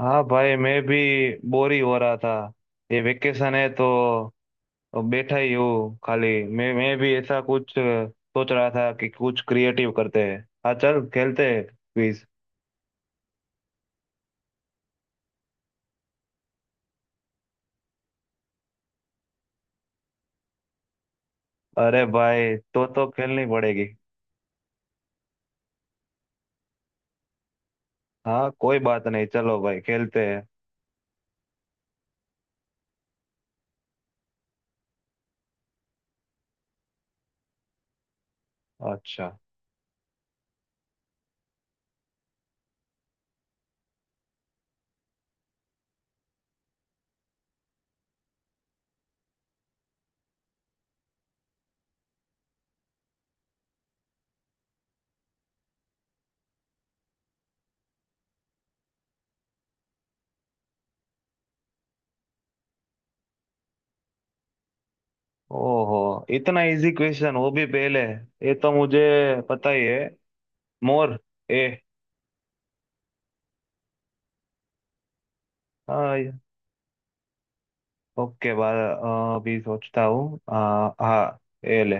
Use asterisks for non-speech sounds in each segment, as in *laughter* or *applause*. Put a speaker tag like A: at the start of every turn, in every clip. A: हाँ भाई मैं भी बोर ही हो रहा था। ये वेकेशन है तो बैठा ही हूँ खाली। मैं भी ऐसा कुछ सोच रहा था कि कुछ क्रिएटिव करते हैं। हाँ चल खेलते हैं क्विज। अरे भाई तो खेलनी पड़ेगी। हाँ कोई बात नहीं, चलो भाई खेलते हैं। अच्छा। ओहो, इतना इजी क्वेश्चन, वो भी पहले। ये तो मुझे पता ही है, मोर। ए। हाँ। ओके बार, अभी सोचता हूँ। हाँ हाँ, ये ले।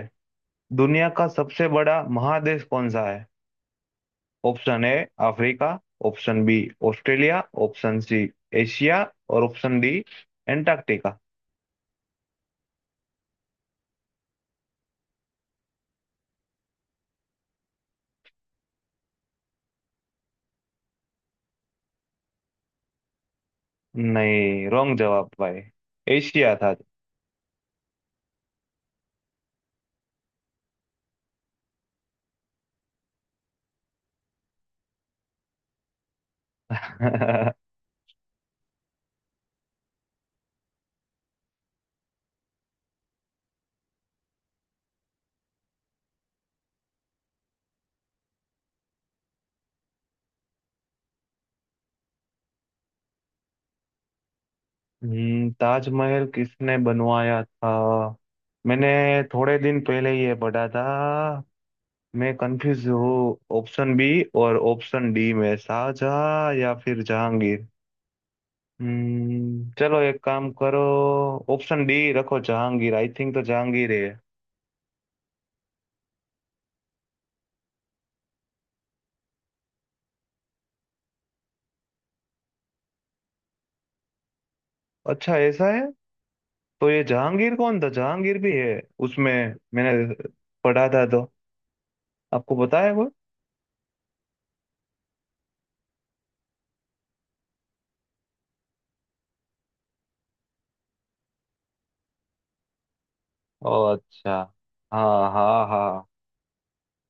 A: दुनिया का सबसे बड़ा महादेश कौन सा है? Option A Africa, option B Australia, option C Asia, और ऑप्शन डी एंटार्क्टिका। नहीं, रॉन्ग जवाब भाई। एशिया था। *laughs* ताजमहल किसने बनवाया था? मैंने थोड़े दिन पहले ये पढ़ा था। मैं कंफ्यूज हूँ, ऑप्शन बी और ऑप्शन डी में, शाहजहां या फिर जहांगीर। चलो, एक काम करो। ऑप्शन डी रखो, जहांगीर। आई थिंक तो जहांगीर है। अच्छा ऐसा है। तो ये जहांगीर कौन था? जहांगीर भी है उसमें? मैंने पढ़ा था, तो आपको पता है वो। ओ अच्छा। हाँ हाँ हाँ,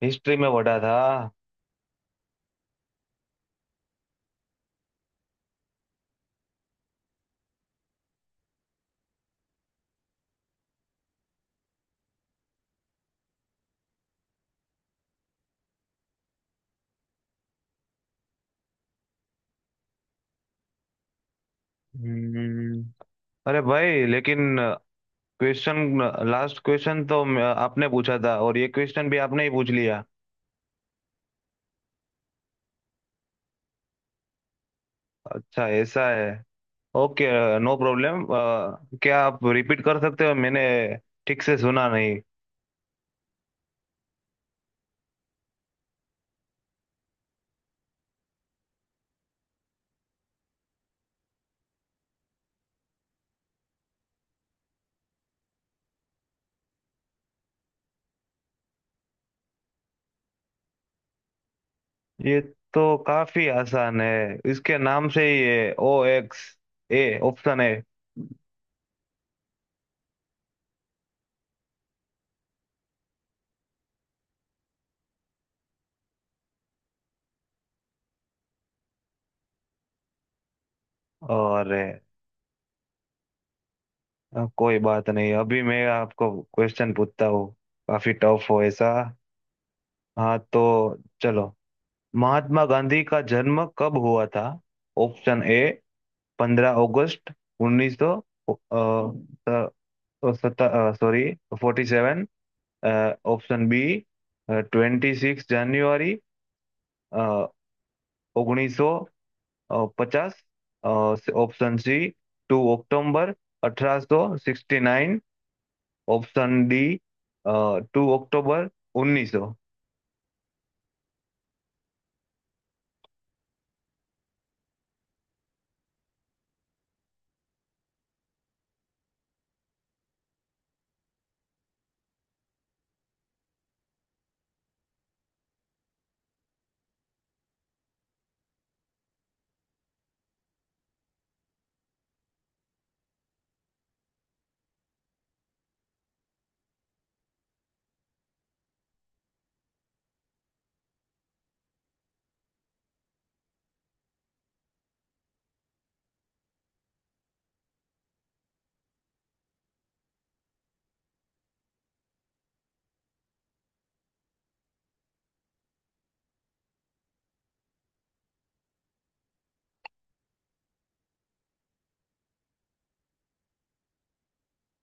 A: हिस्ट्री में पढ़ा था। हम्म। अरे भाई लेकिन क्वेश्चन, लास्ट क्वेश्चन तो आपने पूछा था, और ये क्वेश्चन भी आपने ही पूछ लिया। अच्छा ऐसा है। Okay, no problem. क्या आप रिपीट कर सकते हो? मैंने ठीक से सुना नहीं। ये तो काफी आसान है, इसके नाम से ही। ये ओ एक्स, ए ऑप्शन है। और कोई बात नहीं, अभी मैं आपको क्वेश्चन पूछता हूँ। काफी टफ हो ऐसा। हाँ तो चलो, महात्मा गांधी का जन्म कब हुआ था? ऑप्शन ए, 15 अगस्त 1900, sorry, 40। Option B, twenty six January ઓગણીસો પચાસ। ઓપ્શન સી, ટુ ઓક્ટોબર અઠરાસો sixty nine. Option D, two October 1900।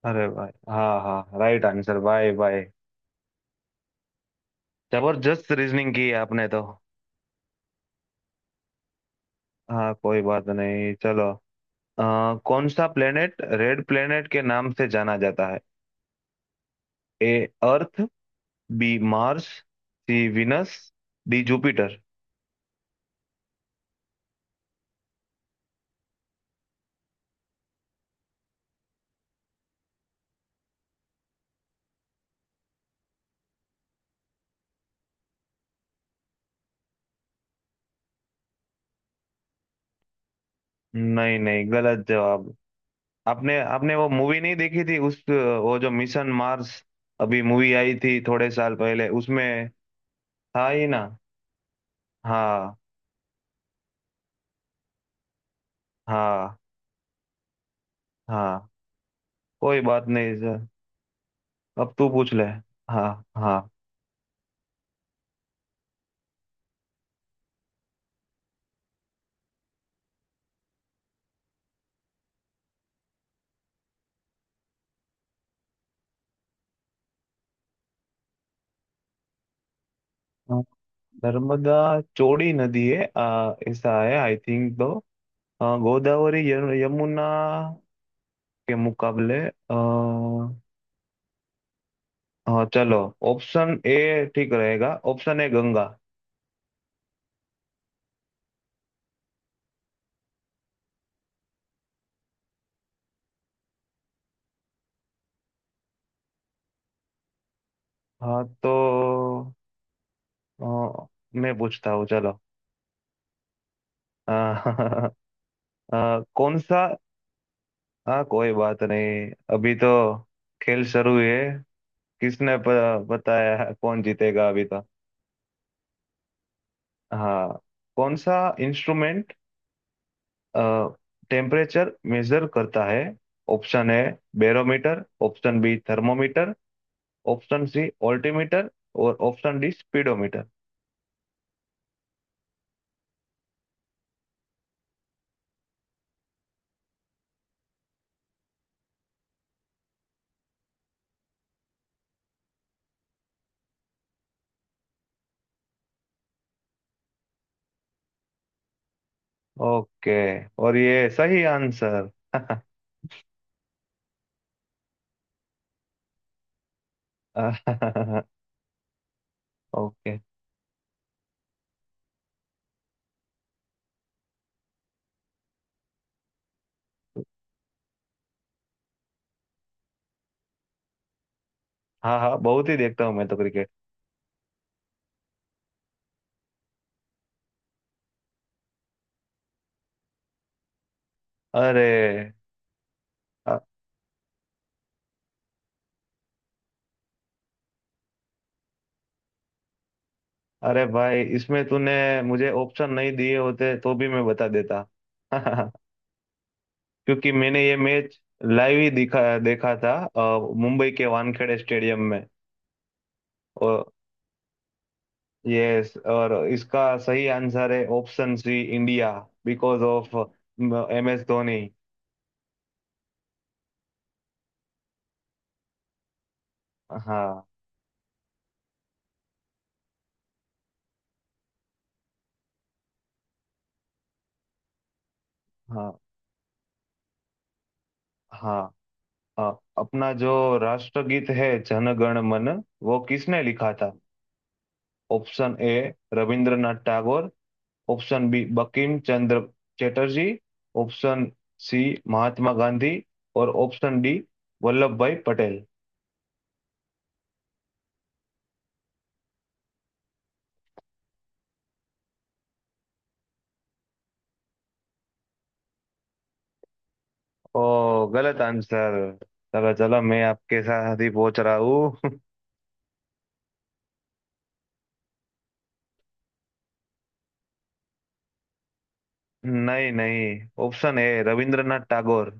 A: अरे भाई, हाँ हाँ, राइट आंसर भाई भाई। जबरदस्त रीजनिंग की है आपने तो। हाँ कोई बात नहीं, चलो। अ, कौन सा प्लेनेट रेड प्लेनेट के नाम से जाना जाता है? A earth, B Mars, C Venus, D Jupiter. नहीं नहीं, गलत जवाब। आपने आपने वो मूवी नहीं देखी थी, उस, वो जो, मिशन मार्स। अभी मूवी आई थी थोड़े साल पहले, उसमें था ही ना। हाँ हाँ। हाँ कोई बात नहीं सर। अब तू पूछ ले। हाँ हाँ। हाँ, नर्मदा चौड़ी नदी है। ऐसा है, आई थिंक तो गोदावरी, यमुना के मुकाबले। आ, हाँ चलो, ऑप्शन ए ठीक रहेगा। Option A Ganga. हाँ तो अ, मैं पूछता हूँ, चलो। अ, *laughs* कौन सा। हाँ कोई बात नहीं, अभी तो खेल शुरू हुई है। किसने बताया है कौन जीतेगा अभी तो? हाँ, कौन सा इंस्ट्रूमेंट टेम्परेचर मेजर करता है? ऑप्शन है barometer, option B thermometer, option C altimeter, और ऑप्शन डी स्पीडोमीटर। ओके, और ये सही आंसर। *laughs* ओके। हाँ हाँ, बहुत ही देखता हूँ मैं तो क्रिकेट। अरे अ- अरे भाई, इसमें तूने मुझे ऑप्शन नहीं दिए होते तो भी मैं बता देता। *laughs* क्योंकि मैंने ये मैच लाइव ही दिखा देखा था, मुंबई के वानखेड़े स्टेडियम में। और यस, और इसका सही आंसर है option C India, because of MS Dhoni. हाँ हाँ हाँ। अ, अपना जो राष्ट्रगीत है जनगण मन, वो किसने लिखा था? Option A Rabindranath Tagore, option B Bankim Chandra Chatterjee, option C Mahatma Gandhi, और ऑप्शन डी वल्लभ भाई पटेल। ओ, गलत आंसर। चलो चलो, मैं आपके साथ ही पहुंच रहा हूँ। *laughs* नहीं नहीं, option A Rabindranath Tagore.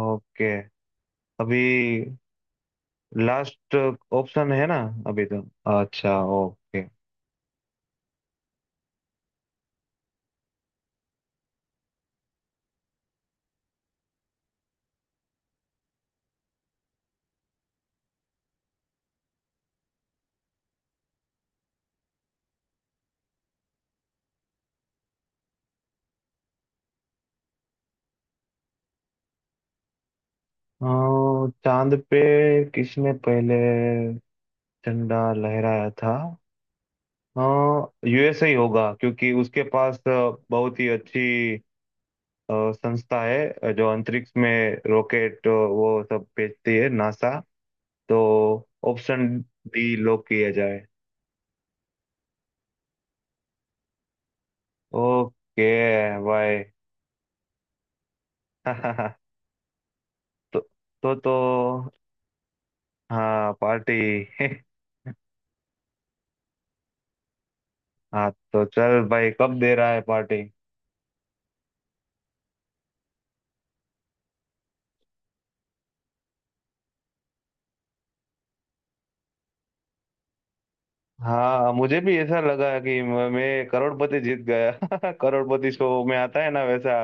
A: Okay, अभी लास्ट ऑप्शन है ना, अभी तो। अच्छा, ओके। अ, चांद पे किसने पहले झंडा लहराया था? यूएसए ही होगा, क्योंकि उसके पास बहुत ही अच्छी संस्था है, जो अंतरिक्ष में रॉकेट वो सब भेजती है, नासा। तो ऑप्शन डी लॉक किया जाए। ओके भाई। *laughs* तो तो हाँ, पार्टी। *laughs* हाँ तो चल भाई, कब दे रहा है पार्टी? हाँ मुझे भी ऐसा लगा कि मैं करोड़पति जीत गया। *laughs* करोड़पति शो में आता है ना, वैसा।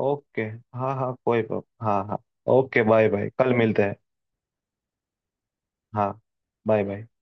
A: ओके, हाँ हाँ, कोई प्रॉब्लम, हाँ हाँ। ओके बाय बाय, कल मिलते हैं। हाँ, बाय बाय।